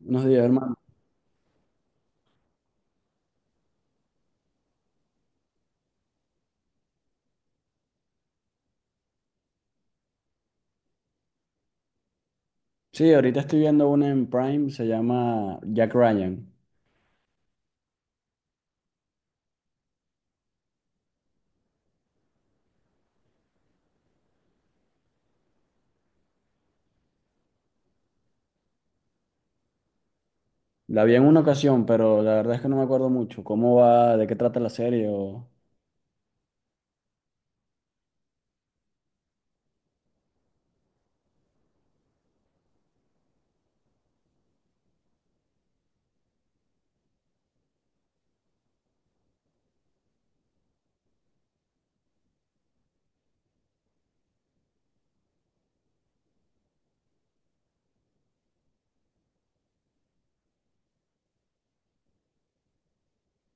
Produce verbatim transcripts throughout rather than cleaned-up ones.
Buenos días, hermano. Sí, ahorita estoy viendo una en Prime, se llama Jack Ryan. La vi en una ocasión, pero la verdad es que no me acuerdo mucho cómo va, de qué trata la serie o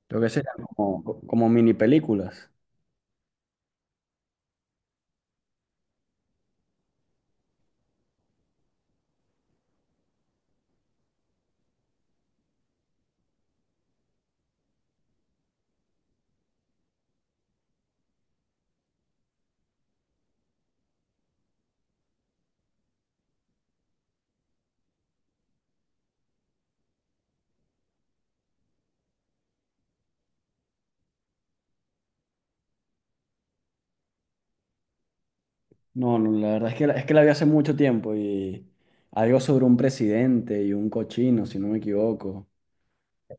lo que sea, como, como mini películas. No, no, la verdad es que, la- es que la vi hace mucho tiempo y algo sobre un presidente y un cochino, si no me equivoco,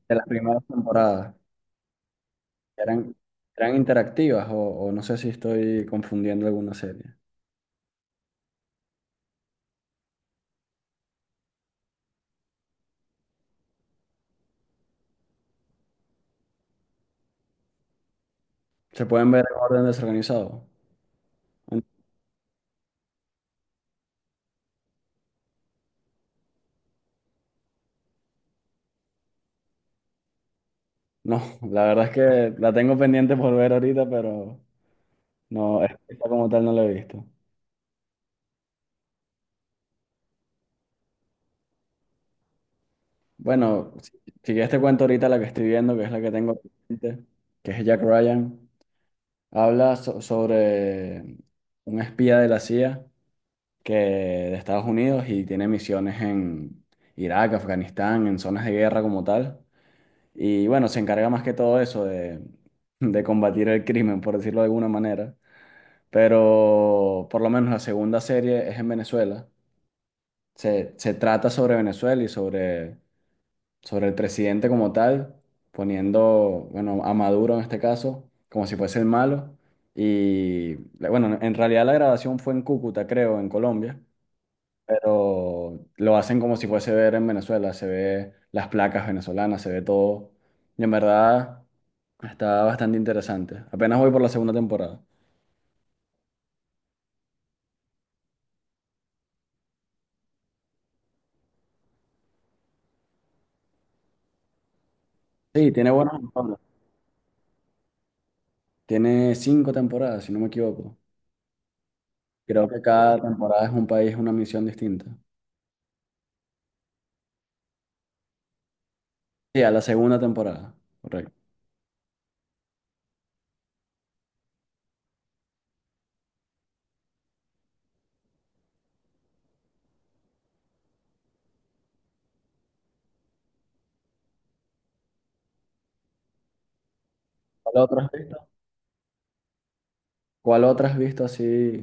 de las primeras temporadas. Eran, eran interactivas o, o no sé si estoy confundiendo alguna serie. Se pueden ver en orden desorganizado. No, la verdad es que la tengo pendiente por ver ahorita, pero no, esta como tal no la he visto. Bueno, si, si ya te cuento ahorita la que estoy viendo, que es la que tengo pendiente, que es Jack Ryan, habla so- sobre un espía de la C I A que de Estados Unidos y tiene misiones en Irak, Afganistán, en zonas de guerra como tal. Y bueno, se encarga más que todo eso de, de combatir el crimen, por decirlo de alguna manera. Pero por lo menos la segunda serie es en Venezuela se, se trata sobre Venezuela y sobre, sobre el presidente como tal, poniendo, bueno, a Maduro en este caso, como si fuese el malo. Y bueno, en realidad la grabación fue en Cúcuta, creo, en Colombia, pero lo hacen como si fuese ver en Venezuela, se ve las placas venezolanas, se ve todo. Y en verdad está bastante interesante. Apenas voy por la segunda temporada. Sí, tiene buenos actores. Tiene cinco temporadas, si no me equivoco. Creo que cada temporada es un país, una misión distinta. Sí, a la segunda temporada, correcto. ¿Cuál otra has visto? ¿Cuál otra has visto así?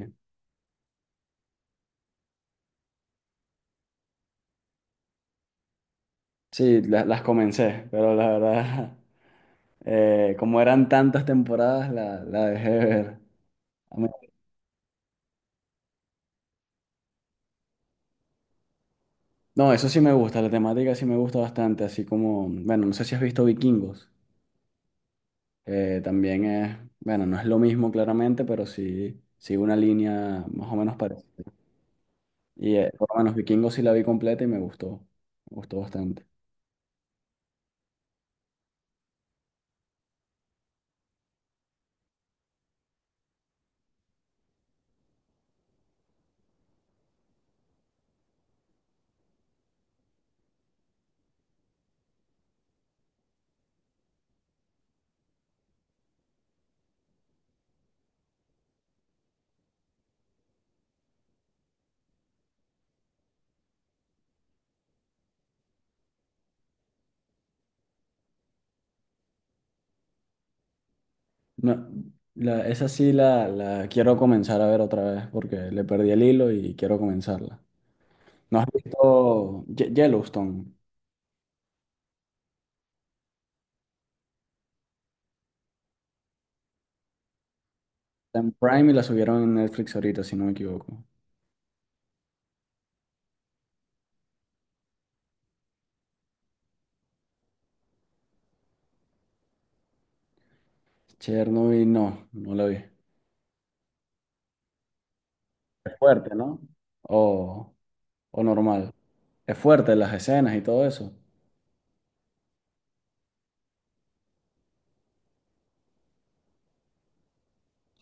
Sí, la- las comencé, pero la verdad, eh, como eran tantas temporadas, la, la dejé de ver. A mí- No, eso sí me gusta, la temática sí me gusta bastante, así como, bueno, no sé si has visto Vikingos, eh, también es, bueno, no es lo mismo claramente, pero sí, sí una línea más o menos parecida. Y eh, por lo menos Vikingos sí la vi completa y me gustó, me gustó bastante. No, la- esa sí la, la quiero comenzar a ver otra vez porque le perdí el hilo y quiero comenzarla. ¿No has visto Ye- Yellowstone? Está en Prime y la subieron en Netflix ahorita, si no me equivoco. Chernobyl, no, no la vi. Es fuerte, ¿no? O, o normal. Es fuerte las escenas y todo eso.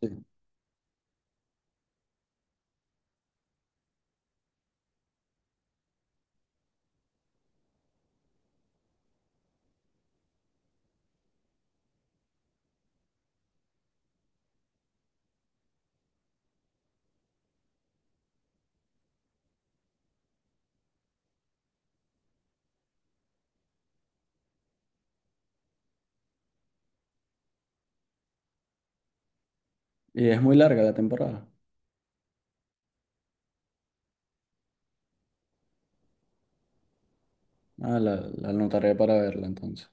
Sí. Y es muy larga la temporada. Ah, la, la anotaré para verla entonces.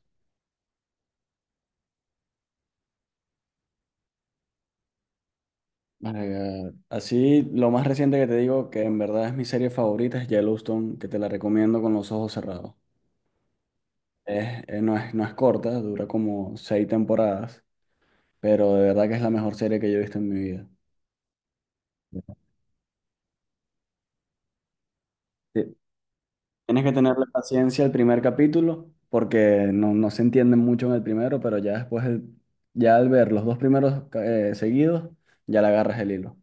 My God. Así, lo más reciente que te digo, que en verdad es mi serie favorita, es Yellowstone, que te la recomiendo con los ojos cerrados. Es, eh, no es, no es corta, dura como seis temporadas, pero de verdad que es la mejor serie que yo he visto en mi vida. Sí, tienes que tenerle paciencia al primer capítulo, porque no, no se entiende mucho en el primero, pero ya después, el- ya al ver los dos primeros ca- eh, seguidos, ya le agarras el hilo.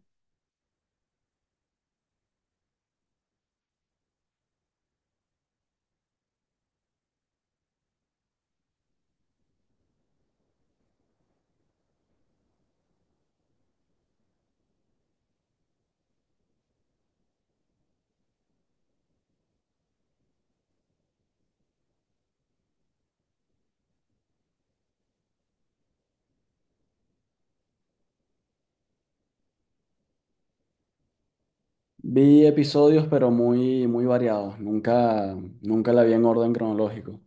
Vi episodios, pero muy, muy variados. Nunca, nunca la vi en orden cronológico.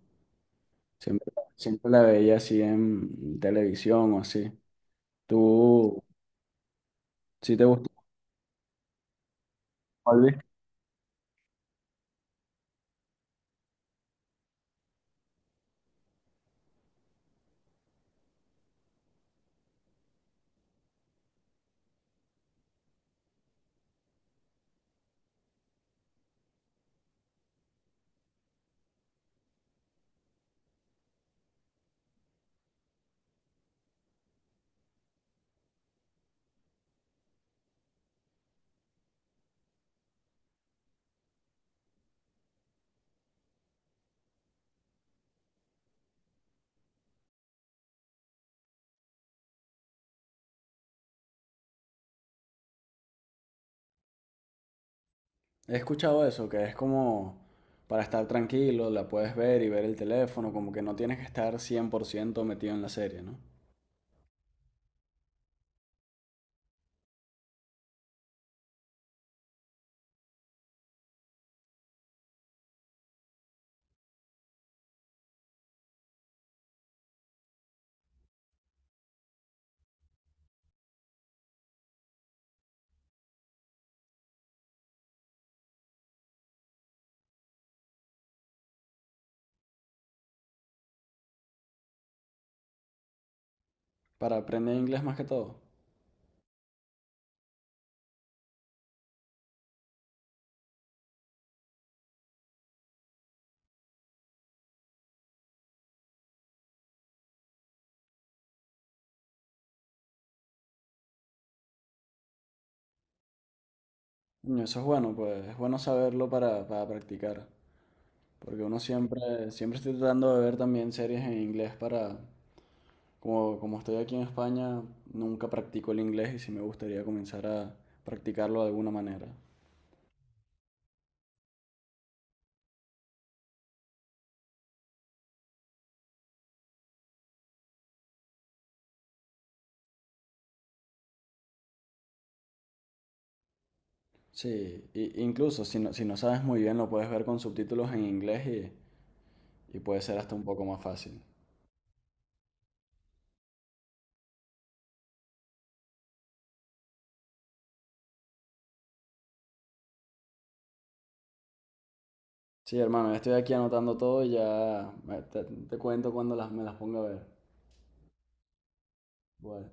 Siempre, siempre la veía así en televisión o así. ¿Tú sí te gusta? ¿Barbie? He escuchado eso, que es como para estar tranquilo, la puedes ver y ver el teléfono, como que no tienes que estar cien por ciento metido en la serie, ¿no? Para aprender inglés más que todo. Coño, eso es bueno, pues es bueno saberlo para, para practicar, porque uno siempre, siempre estoy tratando de ver también series en inglés para, como, como estoy aquí en España, nunca practico el inglés y sí me gustaría comenzar a practicarlo de alguna manera. Sí, i- incluso si no, si no sabes muy bien lo puedes ver con subtítulos en inglés y, y puede ser hasta un poco más fácil. Sí, hermano, ya estoy aquí anotando todo y ya me- te, te cuento cuando las, me las ponga a ver. Bueno.